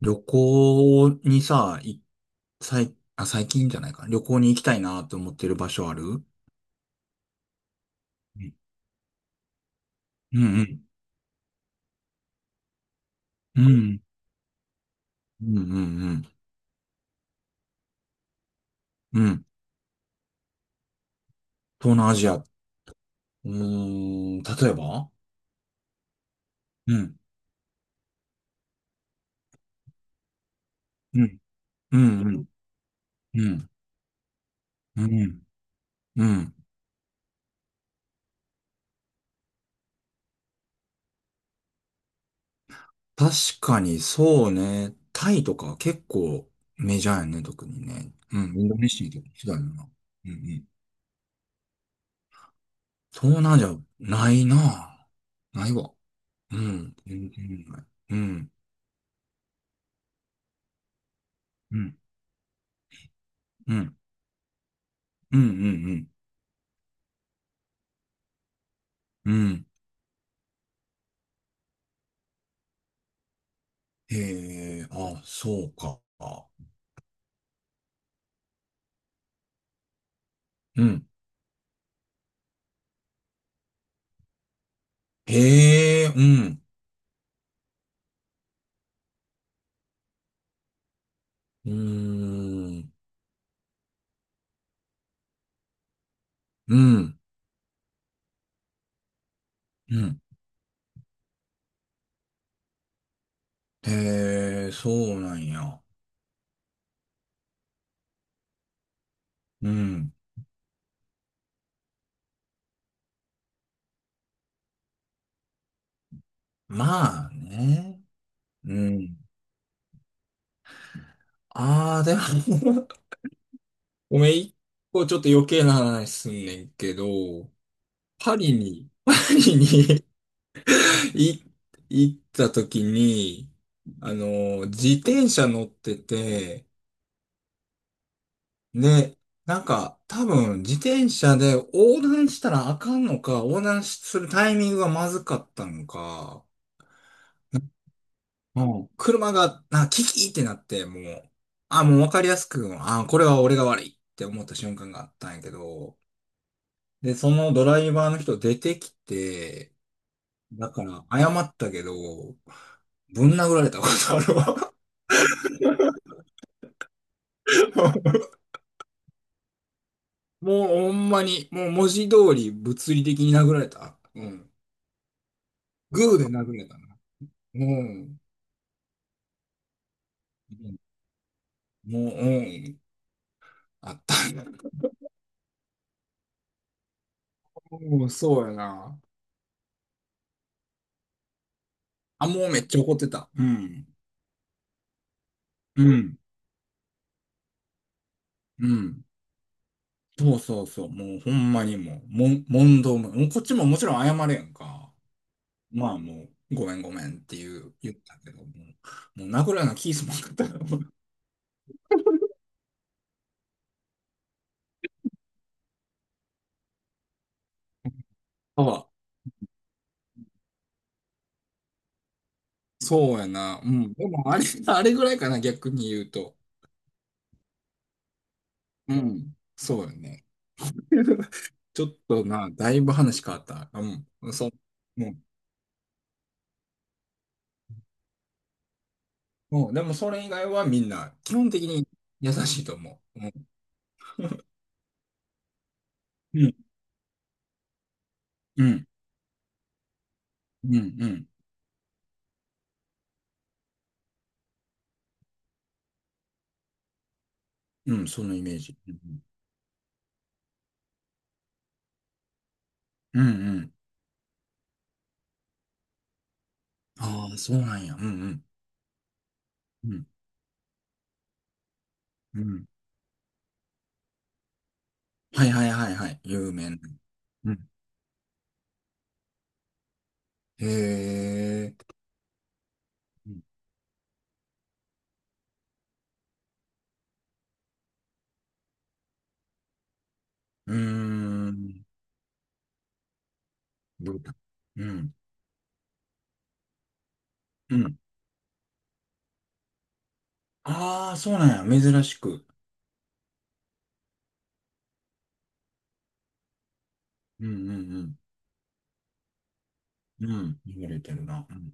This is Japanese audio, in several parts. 旅行にさ、い、最、あ、最近じゃないか。旅行に行きたいなと思ってる場所ある？うんうんうん。うんうんうんうん。うん。東南アジア。例えば？うんうんうんうんうんうん。確かにそうね。タイとか結構メジャーやね、特にね。うん、インドネシアとかひどいよな。うんうん。東南アジア、ないな。ないわ。うん、全然ない。うん。うんうん。うん、うん、うん。うん。へえ、あ、そうか。うん。へえ、うん。うーん。うん。うん。へえ、そうなんや。うん。まあね。うん。ああ、でも ごめん、一個ちょっと余計な話すんねんけど、パリに、パリに い行った時に、自転車乗ってて、ね、なんか、多分、自転車で横断したらあかんのか、横断するタイミングがまずかったのか、もうん。車が、キキってなって、もうわかりやすく、あ、これは俺が悪いって思った瞬間があったんやけど、で、そのドライバーの人出てきて、だから謝ったけど、ぶん殴られたことあるわ。もうほんまに、もう文字通り物理的に殴られた。うん。グーで殴られたな。うん。もう、うん、あった。うん、そうやな。あ、もうめっちゃ怒ってた。うん。うん。うん。そうそうそう。もうほんまにもう、問答無用。こっちももちろん謝れやんか。まあもう、ごめんごめんっていう、言ったけども、もう殴るようなキすまんかったよ。あ、そうやな。うん。でもあれ、あれぐらいかな、逆に言うと。うん。そうよね。ちょっとな、だいぶ話変わった。うん。そう。うん、でもそれ以外はみんな基本的に優しいと思う。うん、うん、うん、うん、うん、うんそのイメージ。うん、うん、うん。ああ、そうなんや。うん、うん、うん、うん。はいはいはいはい。有名な。うん。へえ。うん。うーん、どうだ？うん、うん。ああ、そうなんや。珍しく。うん、うん、うん。うん、言われてるな。うん。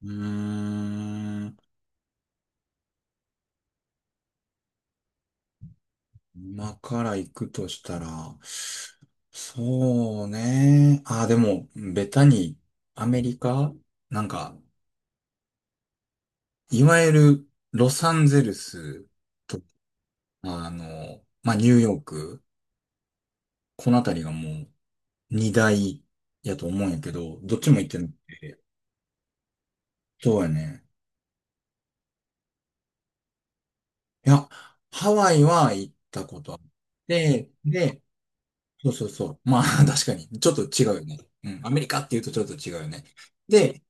うーん、今から行くとしたら、そうね。あ、でも、ベタに、アメリカ、なんか、いわゆる、ロサンゼルスと、まあ、ニューヨーク、このあたりがもう、二大やと思うんやけど、どっちも行ってなくて。そうやね。いや、ハワイは行ったことあって、で、そうそうそう。まあ、確かに、ちょっと違うよね。うん、アメリカって言うとちょっと違うよね。で、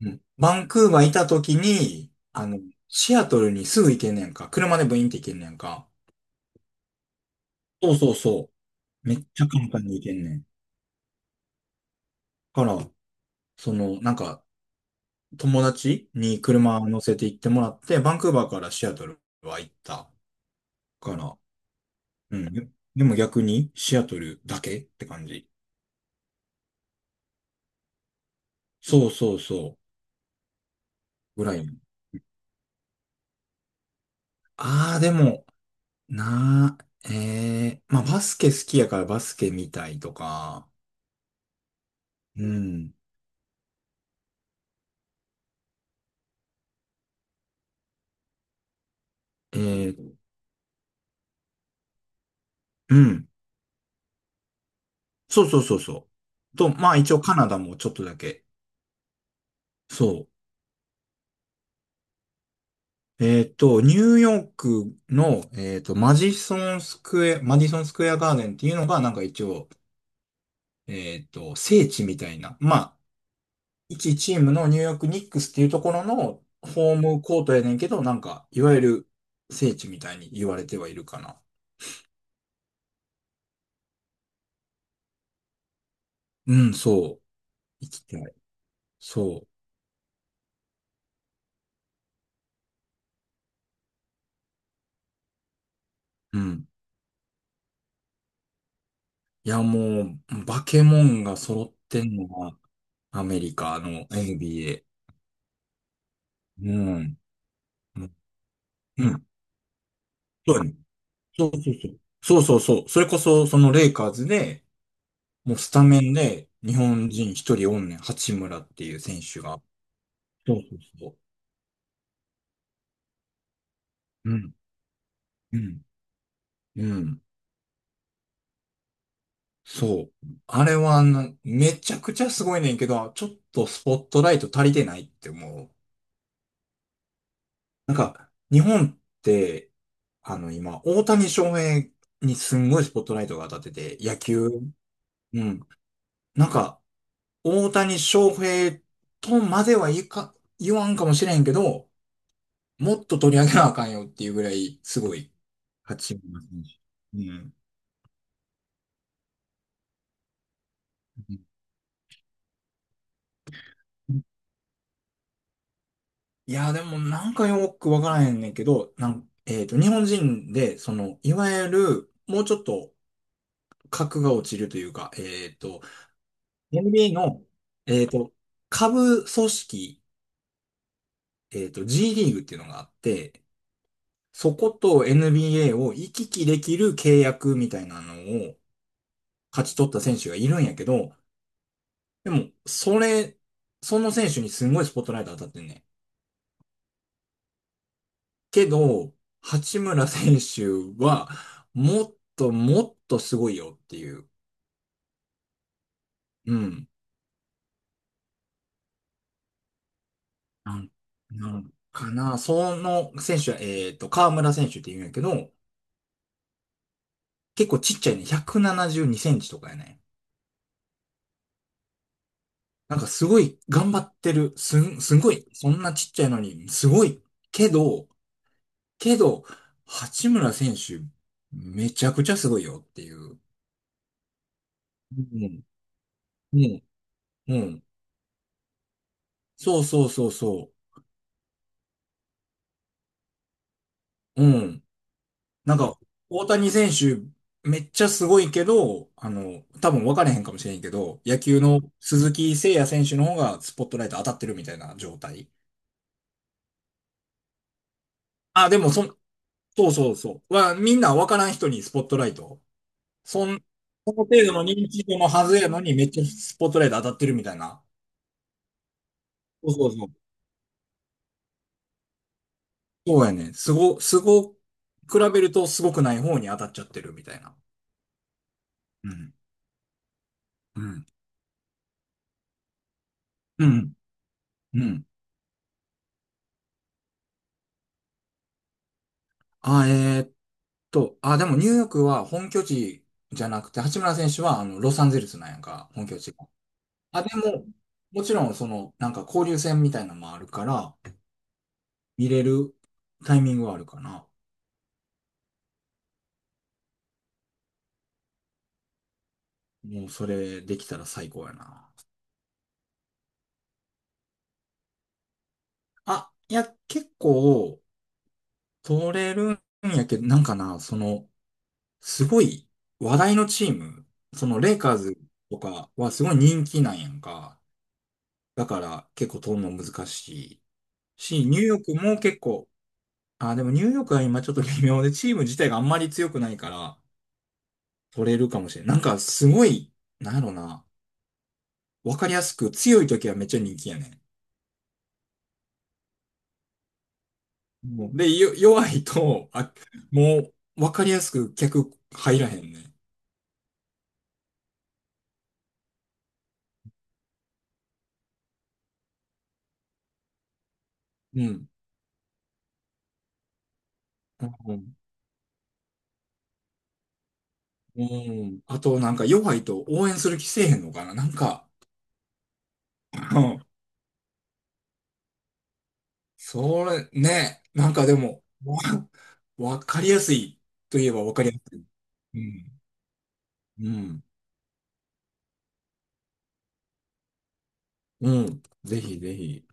うん、バンクーバーいた時に、シアトルにすぐ行けんねんか。車でブインって行けんねんか。そうそうそう。めっちゃ簡単に行けんねん。から、その、なんか、友達に車乗せて行ってもらって、バンクーバーからシアトルは行った。から、うん。で、でも逆に、シアトルだけって感じ。そうそうそう。ぐらい。ああ、でも、なー、ええまあ、バスケ好きやからバスケ見たいとか、うん。えー、うん。そうそうそうそう。と、まあ一応カナダもちょっとだけ。そう。ニューヨークの、マディソンスクエアガーデンっていうのがなんか一応、聖地みたいな。まあ、一チームのニューヨークニックスっていうところのホームコートやねんけど、なんか、いわゆる聖地みたいに言われてはいるかな。うん、そう。行きたい。そう。うん。もう、バケモンが揃ってんのが、アメリカの NBA。うん。うん。うん、そうやね。そうそうそう。そうそうそう。それこそ、そのレイカーズで、もうスタメンで日本人一人おんねん。八村っていう選手が。そうそうそう。うん。うん。うん。そう。あれはな、めちゃくちゃすごいねんけど、ちょっとスポットライト足りてないって思う。なんか、日本って、今、大谷翔平にすんごいスポットライトが当たってて、野球、うん。なんか、大谷翔平とまではいか、言わんかもしれんけど、もっと取り上げなあかんよっていうぐらい、すごい、八村選手。うん。いや、でもなんかよくわからへんねんけど、なん、えっと、日本人で、その、いわゆる、もうちょっと格が落ちるというか、NBA の、えっと、下部組織、G リーグっていうのがあって、そこと NBA を行き来できる契約みたいなのを、勝ち取った選手がいるんやけど、でも、それ、その選手にすごいスポットライト当たってんね。けど、八村選手は、もっともっとすごいよっていう、うん、なん、なんかな。その選手は、河村選手って言うんやけど、結構ちっちゃいね。172センチとかやね。なんかすごい頑張ってる。すごい。そんなちっちゃいのに、すごい。けど、けど、八村選手、めちゃくちゃすごいよっていう。うん。うん。うん。そうそうそうそう。うん。なんか、大谷選手、めっちゃすごいけど、多分分かれへんかもしれんけど、野球の鈴木誠也選手の方がスポットライト当たってるみたいな状態。あ、でもそん、そうそうそう。は、みんな分からん人にスポットライト。そん、その程度の認知度のはずやのに、めっちゃスポットライト当たってるみたいな。そうそうそう、やね。すご、すご、比べるとすごくない方に当たっちゃってるみたいな。うん。うん。うん。うん。あ、えーっあ、でもニューヨークは本拠地じゃなくて、八村選手はあのロサンゼルスなんやんか、本拠地が。あ、でも、もちろんその、なんか交流戦みたいなのもあるから、見れるタイミングはあるかな。もうそれできたら最高やな。あ、いや、結構、取れるんやけど、なんかな、その、すごい話題のチーム、そのレイカーズとかはすごい人気なんやんか。だから結構取るの難しいし、ニューヨークも結構、あ、でもニューヨークは今ちょっと微妙で、チーム自体があんまり強くないから取れるかもしれん。なんかすごい、なんやろな、わかりやすく強い時はめっちゃ人気やねん。もう弱いと、あ、もうわかりやすく客入らへんね。うん。うん。うん。あと、なんか弱いと応援する気せえへんのかななんか、うん。それ、ね、なんかでも、わかりやすいといえばわかりやすい。うん。うん。うん。ぜひぜひ。